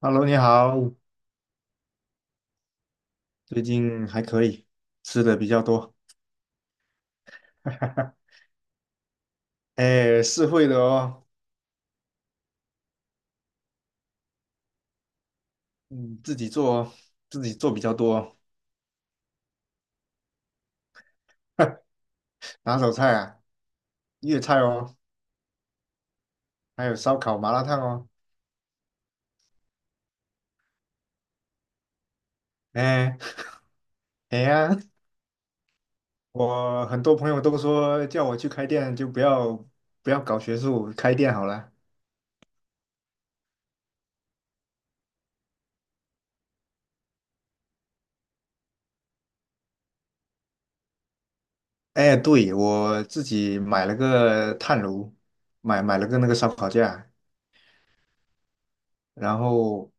Hello，你好，最近还可以，吃的比较多。哎，是会的哦，自己做哦，自己做比较多哦。拿手菜啊，粤菜哦，还有烧烤、麻辣烫哦。哎，哎呀，我很多朋友都说叫我去开店，就不要搞学术，开店好了。哎，对，我自己买了个炭炉，买了个那个烧烤架，然后。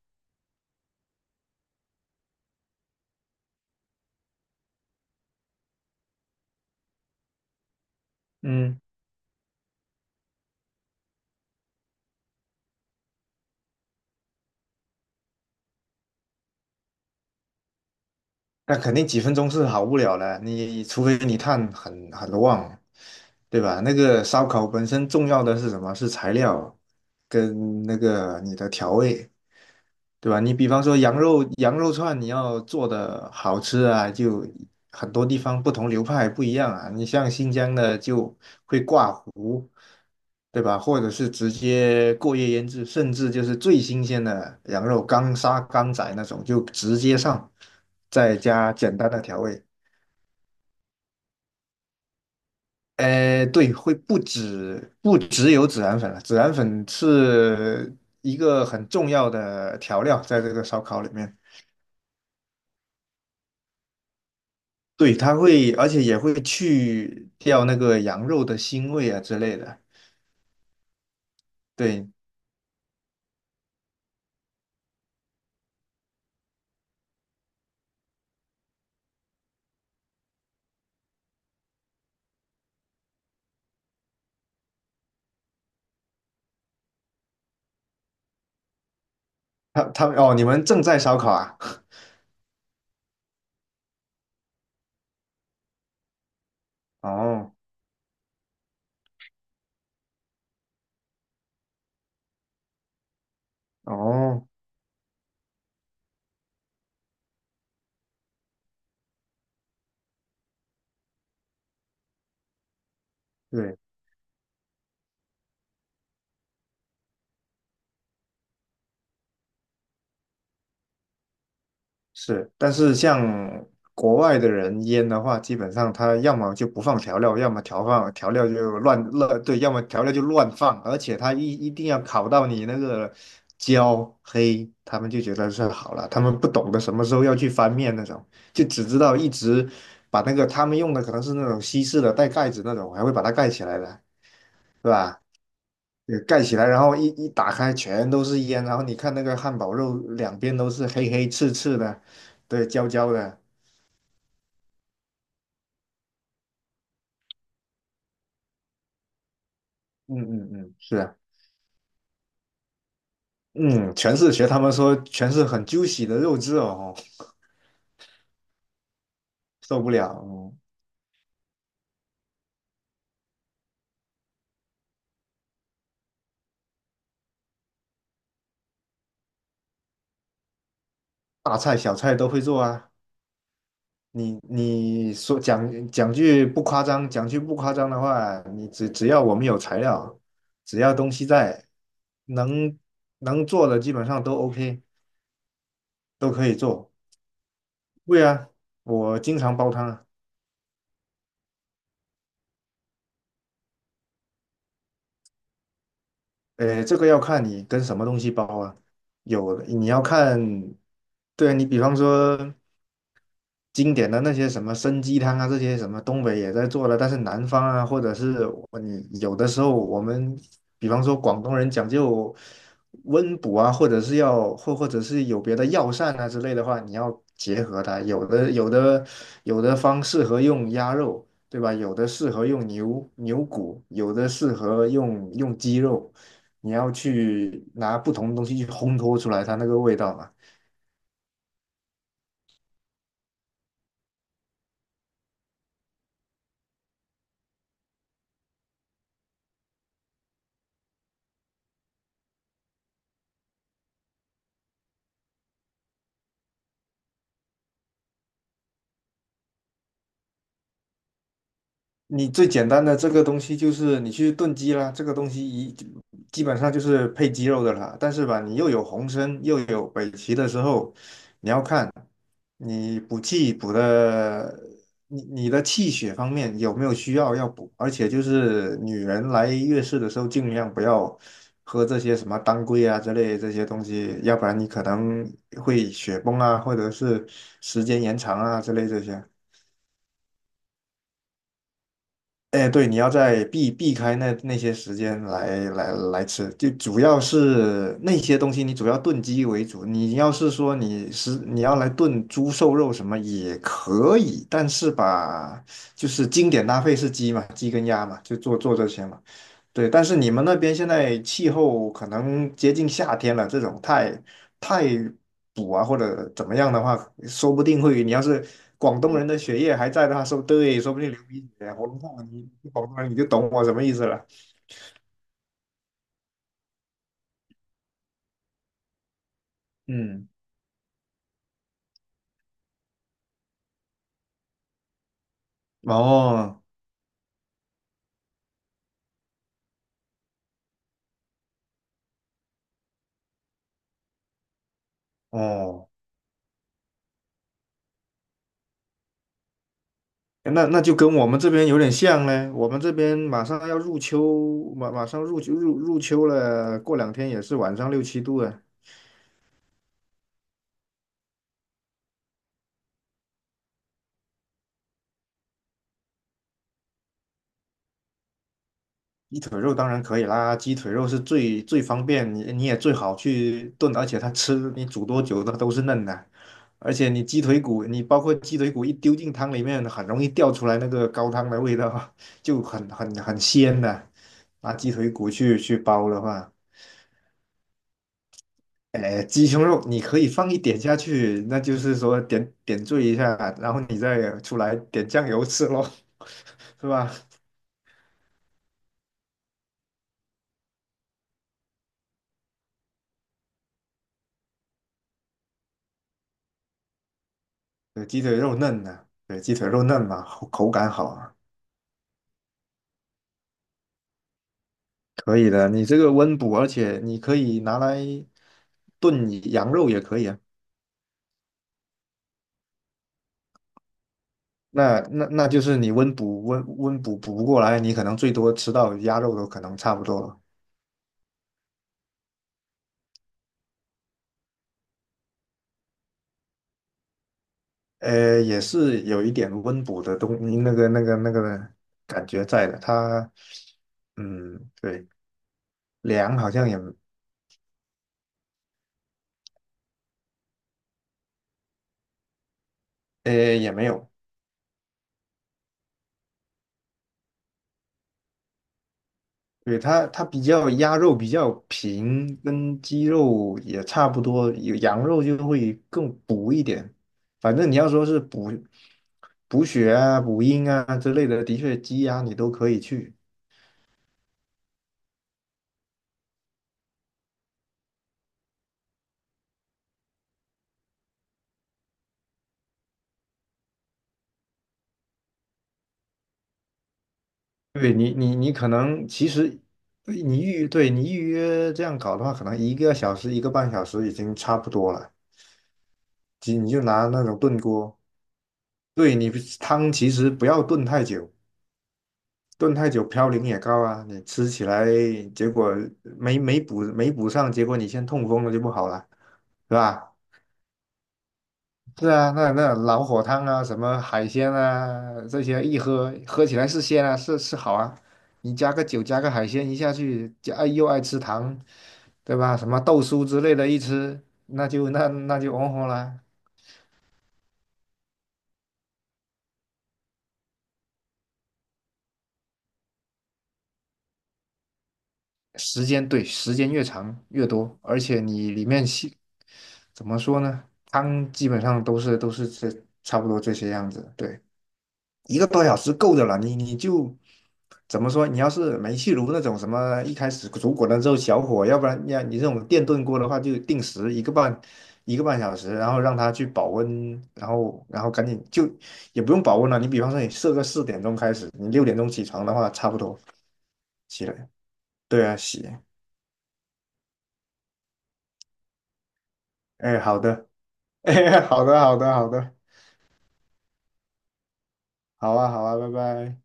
嗯。那肯定几分钟是好不了了，你除非你碳很旺，对吧？那个烧烤本身重要的是什么？是材料跟那个你的调味。对吧？你比方说羊肉串，你要做的好吃啊，就很多地方不同流派不一样啊。你像新疆的就会挂糊，对吧？或者是直接过夜腌制，甚至就是最新鲜的羊肉刚杀刚宰那种，就直接上，再加简单的调味。对，会不只有孜然粉了，孜然粉是一个很重要的调料，在这个烧烤里面。对，它会，而且也会去掉那个羊肉的腥味啊之类的。对，它哦，你们正在烧烤啊？哦哦，对，是。但是像国外的人腌的话，基本上他要么就不放调料，要么放调料就乱，对，要么调料就乱放，而且他一定要烤到你那个焦黑，他们就觉得是好了，他们不懂得什么时候要去翻面那种，就只知道一直把那个他们用的可能是那种西式的带盖子那种，还会把它盖起来的，是吧？也盖起来，然后一打开全都是烟，然后你看那个汉堡肉两边都是黑黑刺刺的，对，焦焦的。嗯嗯嗯，是啊。嗯，全是学他们说全是很 juicy 的肉质哦，受不了哦。嗯。大菜小菜都会做啊。你说讲句不夸张，讲句不夸张的话，你只要我们有材料，只要东西在，能能做的基本上都 OK,都可以做。对啊，我经常煲汤啊。这个要看你跟什么东西包啊。有，你要看。对啊你比方说，经典的那些什么参鸡汤啊，这些什么东北也在做了，但是南方啊，或者是有的时候我们，比方说广东人讲究温补啊，或者是或者是有别的药膳啊之类的话，你要结合它，有的方适合用鸭肉，对吧？有的适合用牛骨，有的适合用鸡肉，你要去拿不同的东西去烘托出来它那个味道嘛。你最简单的这个东西就是你去炖鸡啦，这个东西基本上就是配鸡肉的啦。但是吧，你又有红参又有北芪的时候，你要看你补气补的，你的气血方面有没有需要要补，而且就是女人来月事的时候，尽量不要喝这些什么当归啊之类的这些东西，要不然你可能会血崩啊，或者是时间延长啊之类这些。哎，对，你要在避开那些时间来吃，就主要是那些东西，你主要炖鸡为主。你要是说你要来炖猪瘦肉什么也可以，但是吧，就是经典搭配是鸡嘛，鸡跟鸭嘛，就做做这些嘛。对，但是你们那边现在气候可能接近夏天了，这种太补啊或者怎么样的话，说不定会，你要是广东人的血液还在的话，说对，说不定流鼻血啊、喉咙痛，你广东人你就懂我什么意思了。嗯，哦哦，那就跟我们这边有点像嘞，我们这边马上要入秋，马上入秋入秋了，过两天也是晚上6-7度了。鸡腿肉当然可以啦，鸡腿肉是最最方便，你也最好去炖，而且它吃你煮多久它都是嫩的。而且你鸡腿骨，你包括鸡腿骨一丢进汤里面，很容易掉出来那个高汤的味道。就很鲜的。拿鸡腿骨去煲的话，哎，鸡胸肉你可以放一点下去，那就是说点缀一下，然后你再出来点酱油吃咯。是吧？对，鸡腿肉嫩的。对，鸡腿肉嫩嘛，口感好啊。可以的，你这个温补，而且你可以拿来炖羊肉也可以啊。那就是你温补不过来，你可能最多吃到鸭肉都可能差不多了。也是有一点温补的东那个那个那个感觉在的。它，嗯，对，凉好像也没有。对，它比较鸭肉比较平，跟鸡肉也差不多，有羊肉就会更补一点。反正你要说是补血啊、补阴啊之类的，的确鸡鸭你都可以去。你可能其实你预约这样搞的话，可能1个小时、一个半小时已经差不多了。你就拿那种炖锅，对你汤其实不要炖太久，炖太久嘌呤也高啊，你吃起来结果没补上，结果你先痛风了就不好了，是吧？是啊，那老火汤啊，什么海鲜啊，这些一喝起来是鲜啊，是好啊。你加个酒，加个海鲜一下去，就哎又爱吃糖，对吧？什么豆酥之类的，一吃那就哦吼了。时间，对，时间越长越多，而且你里面细，怎么说呢？汤基本上都是差不多这些样子。对，1个多小时够的了。你就怎么说？你要是煤气炉那种什么，一开始煮滚了之后小火，要不然你这种电炖锅的话，就定时一个半小时，然后让它去保温，然后赶紧就也不用保温了。你比方说你设个4点钟开始，你6点钟起床的话，差不多起来。对啊，洗。哎，好的。哎，好的，好的，好的。好啊，好啊，拜拜。